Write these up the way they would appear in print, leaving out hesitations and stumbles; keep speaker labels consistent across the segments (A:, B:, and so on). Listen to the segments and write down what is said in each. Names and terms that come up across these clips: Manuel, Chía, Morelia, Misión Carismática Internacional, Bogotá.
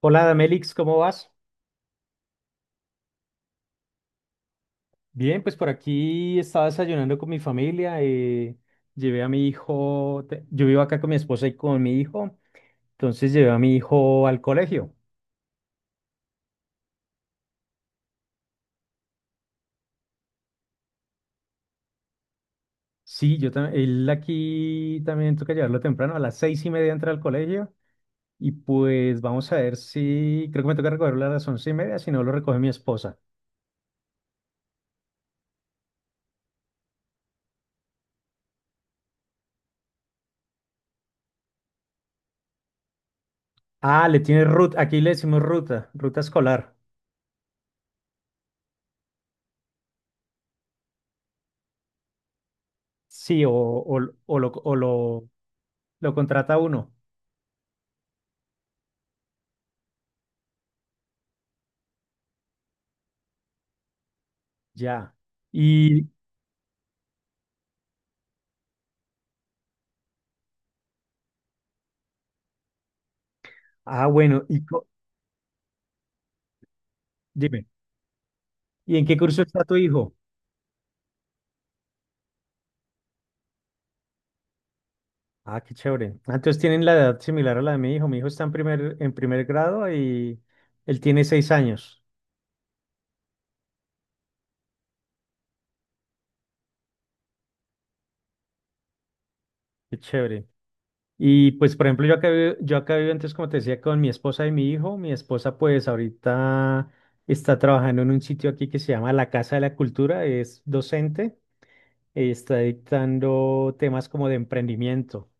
A: Hola, Melix, ¿cómo vas? Bien, pues por aquí estaba desayunando con mi familia. Llevé a mi hijo, yo vivo acá con mi esposa y con mi hijo, entonces llevé a mi hijo al colegio. Sí, yo también, él aquí también toca llevarlo temprano, a las 6:30 entra al colegio y pues vamos a ver si, creo que me toca recogerlo a las 11:30, si no lo recoge mi esposa. Ah, le tiene ruta, aquí le decimos ruta, ruta escolar. Sí, o lo contrata uno, ya. Y, Ah, bueno, dime, ¿y en qué curso está tu hijo? Ah, qué chévere. Ah, entonces tienen la edad similar a la de mi hijo. Mi hijo está en primer grado y él tiene 6 años. Qué chévere. Y pues, por ejemplo, yo acá vivo antes, como te decía, con mi esposa y mi hijo. Mi esposa, pues, ahorita está trabajando en un sitio aquí que se llama La Casa de la Cultura. Es docente. Está dictando temas como de emprendimiento.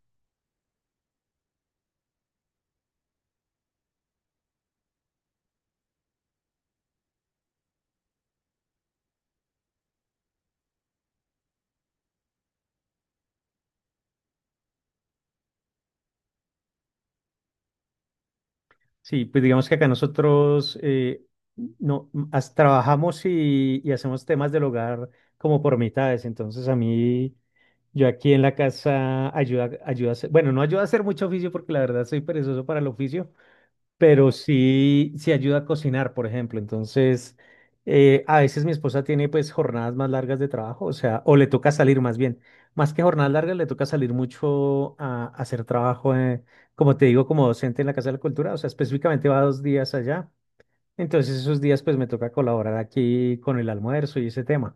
A: Sí, pues digamos que acá nosotros no, trabajamos y hacemos temas del hogar como por mitades. Entonces a mí, yo aquí en la casa bueno, no ayuda a hacer mucho oficio porque la verdad soy perezoso para el oficio, pero sí, sí ayuda a cocinar, por ejemplo. Entonces, a veces mi esposa tiene pues jornadas más largas de trabajo, o sea, o le toca salir más bien. Más que jornadas largas, le toca salir mucho a hacer trabajo, como te digo, como docente en la Casa de la Cultura, o sea, específicamente va 2 días allá. Entonces, esos días pues me toca colaborar aquí con el almuerzo y ese tema.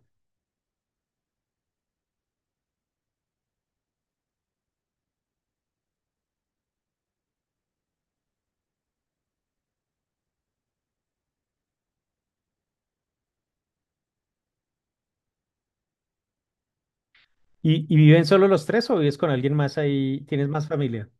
A: ¿Y viven solo los tres o vives con alguien más ahí? ¿Tienes más familia?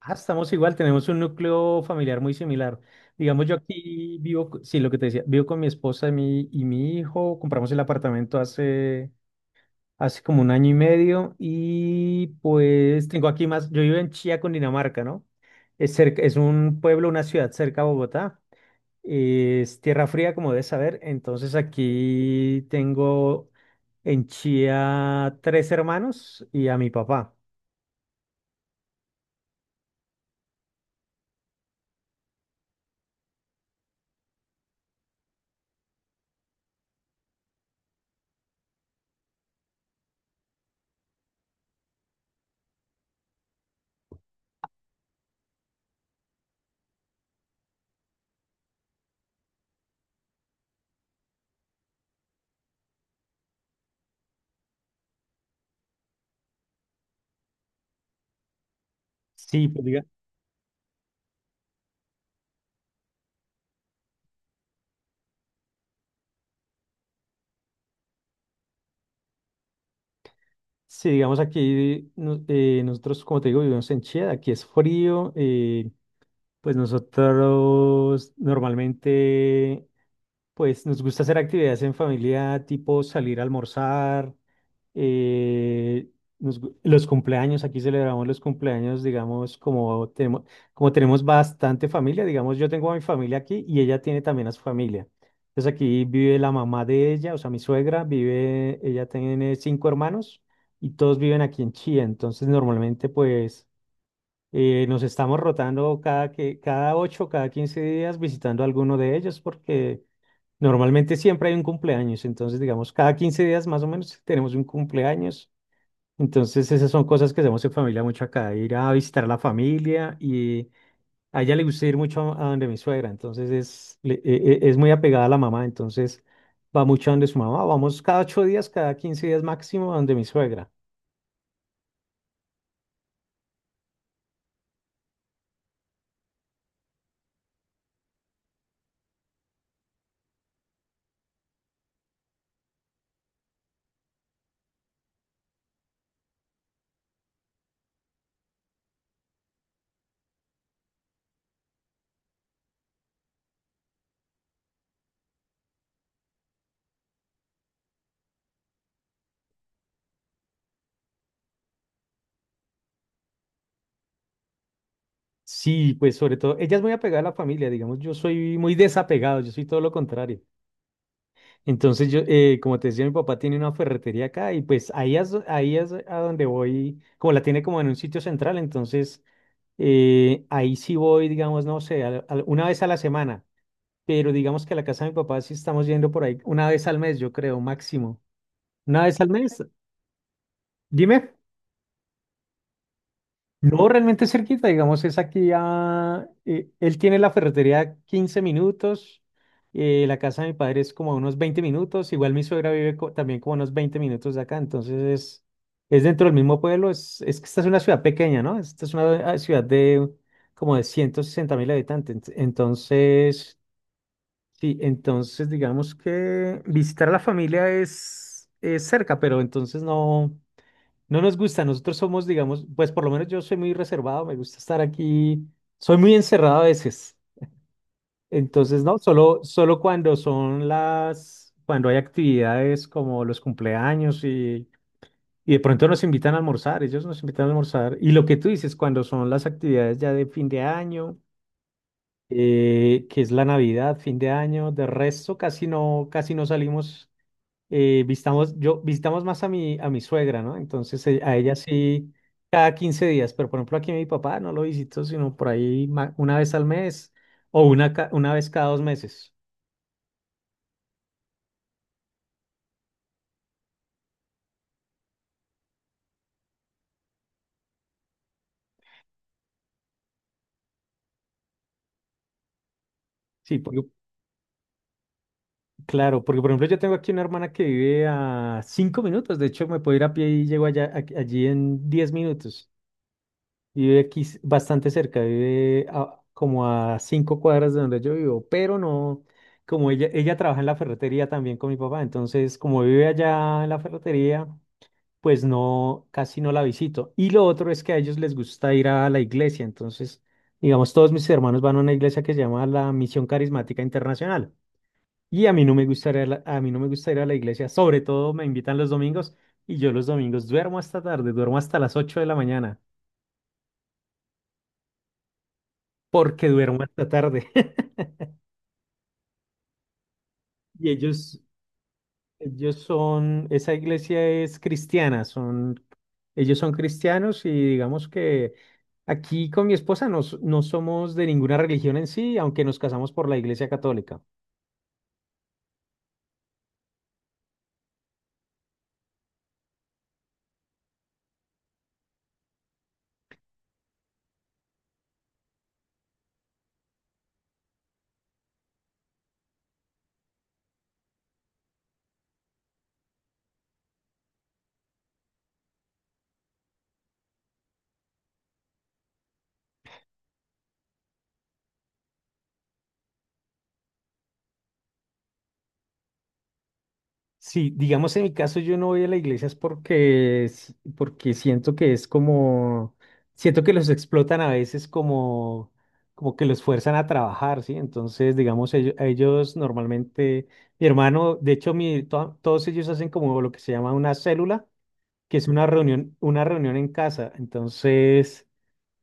A: Ah, estamos igual, tenemos un núcleo familiar muy similar. Digamos, yo aquí vivo, sí, lo que te decía, vivo con mi esposa y y mi hijo, compramos el apartamento hace como un año y medio y pues tengo aquí más, yo vivo en Chía, Dinamarca, ¿no? Es cerca, es un pueblo, una ciudad cerca a Bogotá. Es tierra fría, como debes saber, entonces aquí tengo en Chía tres hermanos y a mi papá. Sí, pues sí, digamos aquí nosotros, como te digo, vivimos en Chía, aquí es frío, pues nosotros normalmente, pues nos gusta hacer actividades en familia, tipo salir a almorzar, eh, los cumpleaños, aquí celebramos los cumpleaños, digamos, como tenemos bastante familia, digamos, yo tengo a mi familia aquí y ella tiene también a su familia. Entonces aquí vive la mamá de ella, o sea, mi suegra, vive, ella tiene cinco hermanos y todos viven aquí en Chía. Entonces normalmente pues nos estamos rotando cada ocho, cada 15 días visitando a alguno de ellos porque. Normalmente siempre hay un cumpleaños, entonces digamos cada 15 días más o menos tenemos un cumpleaños entonces, esas son cosas que hacemos en familia mucho acá, ir a visitar a la familia y a ella le gusta ir mucho a donde mi suegra, entonces es, le- e- e- es muy apegada a la mamá, entonces va mucho a donde su mamá, vamos cada 8 días, cada 15 días máximo a donde mi suegra. Sí, pues sobre todo, ella es muy apegada a la familia, digamos, yo soy muy desapegado, yo soy todo lo contrario. Entonces, como te decía, mi papá tiene una ferretería acá y pues ahí es a donde voy, como la tiene como en un sitio central, entonces. Ahí sí voy, digamos, no sé, una vez a la semana, pero digamos que a la casa de mi papá sí estamos yendo por ahí una vez al mes, yo creo, máximo. Una vez al mes, dime. No, realmente es cerquita, digamos, es aquí él tiene la ferretería a 15 minutos, la casa de mi padre es como a unos 20 minutos, igual mi suegra vive también como a unos 20 minutos de acá, entonces es dentro del mismo pueblo, es que esta es una ciudad pequeña, ¿no? Esta es una ciudad de como de 160.000 habitantes, entonces, sí, entonces digamos que visitar a la familia es, cerca, pero entonces no. No nos gusta, nosotros somos, digamos, pues por lo menos yo soy muy reservado, me gusta estar aquí, soy muy encerrado a veces. Entonces, no, solo cuando son las, cuando hay actividades como los cumpleaños y de pronto nos invitan a almorzar, ellos nos invitan a almorzar. Y lo que tú dices, cuando son las actividades ya de fin de año, que es la Navidad, fin de año, de resto casi no salimos visitamos más a mi suegra, ¿no? Entonces a ella sí cada 15 días, pero por ejemplo aquí a mi papá no lo visito, sino por ahí una vez al mes o una vez cada 2 meses. Sí, porque, claro, porque por ejemplo yo tengo aquí una hermana que vive a 5 minutos, de hecho me puedo ir a pie y llego allá, allí en 10 minutos. Vive aquí bastante cerca, vive como a 5 cuadras de donde yo vivo, pero no, como ella trabaja en la ferretería también con mi papá, entonces como vive allá en la ferretería, pues no, casi no la visito. Y lo otro es que a ellos les gusta ir a la iglesia, entonces, digamos, todos mis hermanos van a una iglesia que se llama la Misión Carismática Internacional. Y a mí no me gusta ir a a mí no me gusta ir a la iglesia, sobre todo me invitan los domingos y yo los domingos duermo hasta tarde, duermo hasta las 8 de la mañana. Porque duermo hasta tarde. Y ellos son, esa iglesia es cristiana, ellos son cristianos y digamos que aquí con mi esposa no somos de ninguna religión en sí, aunque nos casamos por la iglesia católica. Sí, digamos en mi caso yo no voy a la iglesia es porque siento que es como, siento que los explotan a veces como que los fuerzan a trabajar, ¿sí? Entonces, digamos, ellos normalmente, mi hermano, de hecho, todos ellos hacen como lo que se llama una célula, que es una reunión en casa. Entonces,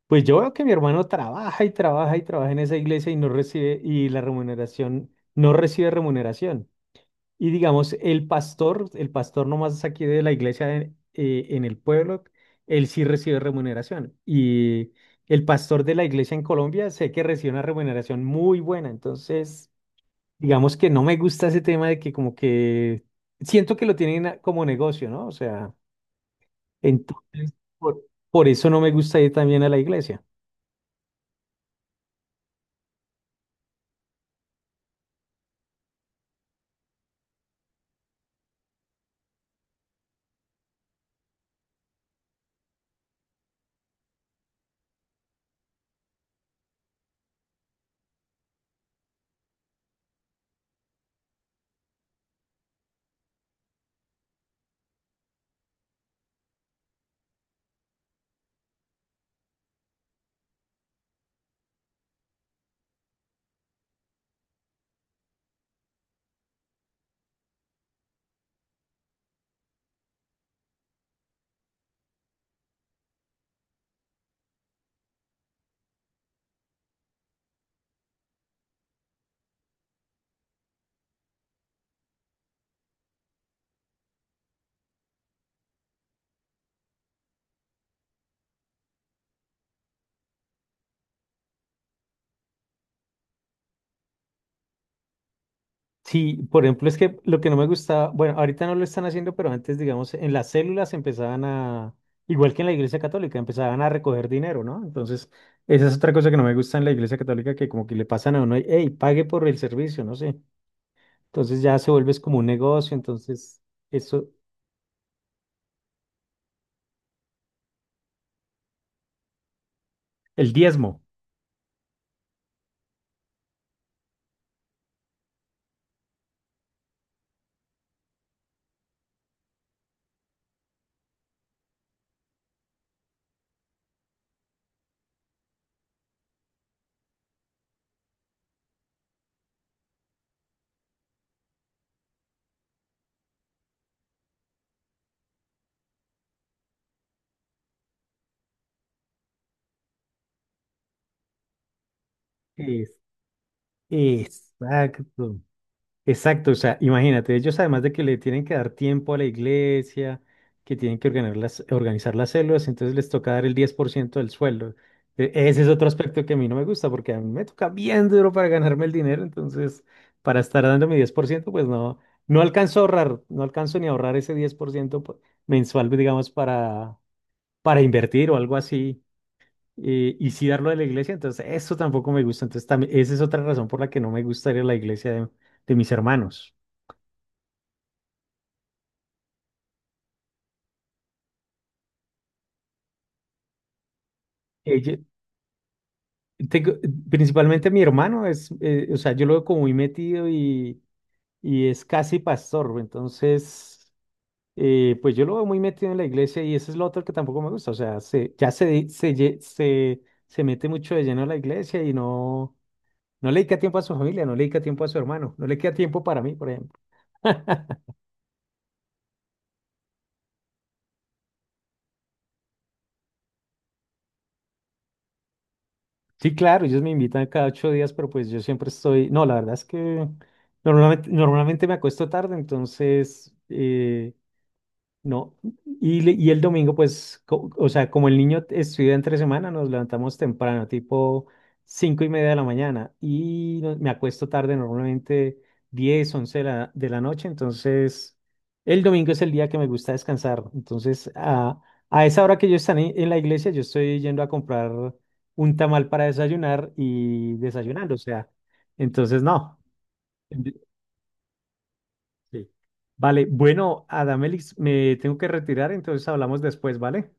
A: pues yo veo que mi hermano trabaja y trabaja y trabaja en esa iglesia y no recibe, y la remuneración, no recibe remuneración. Y digamos, el pastor nomás aquí de la iglesia en el pueblo, él sí recibe remuneración. Y el pastor de la iglesia en Colombia sé que recibe una remuneración muy buena. Entonces, digamos que no me gusta ese tema de que como que siento que lo tienen como negocio, ¿no? O sea, entonces, por eso no me gusta ir también a la iglesia. Sí, por ejemplo, es que lo que no me gustaba, bueno, ahorita no lo están haciendo, pero antes, digamos, en las células empezaban a, igual que en la Iglesia Católica, empezaban a recoger dinero, ¿no? Entonces, esa es otra cosa que no me gusta en la Iglesia Católica, que como que le pasan a uno, hey, pague por el servicio, no sé. Entonces ya se vuelve es como un negocio, entonces, eso, el diezmo. Es, exacto. Exacto, o sea, imagínate, ellos además de que le tienen que dar tiempo a la iglesia, que tienen que organizar las células, entonces les toca dar el 10% del sueldo. Ese es otro aspecto que a mí no me gusta, porque a mí me toca bien duro para ganarme el dinero, entonces para estar dando mi 10%, pues no, no alcanzo a ahorrar, no alcanzo ni a ahorrar ese 10% mensual, digamos, para invertir o algo así, y sí darlo a la iglesia, entonces eso tampoco me gusta, entonces también, esa es otra razón por la que no me gusta ir a la iglesia de mis hermanos. Ella- tengo- Principalmente mi hermano es, o sea, yo lo veo como muy metido y es casi pastor, entonces, pues yo lo veo muy metido en la iglesia y eso es lo otro que tampoco me gusta, o sea, se, ya se, di- se, lle- se mete mucho de lleno a la iglesia y no, no le dedica tiempo a su familia, no le dedica tiempo a su hermano, no le queda tiempo para mí, por ejemplo. Sí, claro, ellos me invitan cada 8 días, pero pues yo siempre estoy, no, la verdad es que normalmente me acuesto tarde, entonces. No. Y el domingo, pues, o sea, como el niño estudia entre semana, nos levantamos temprano, tipo 5:30 de la mañana, y me acuesto tarde, normalmente 10 11 de la noche, entonces el domingo es el día que me gusta descansar. Entonces, a esa hora que yo estaré en la iglesia, yo estoy yendo a comprar un tamal para desayunar y desayunando, o sea, entonces no. Sí. Vale, bueno, Adamelix, me tengo que retirar, entonces hablamos después, ¿vale?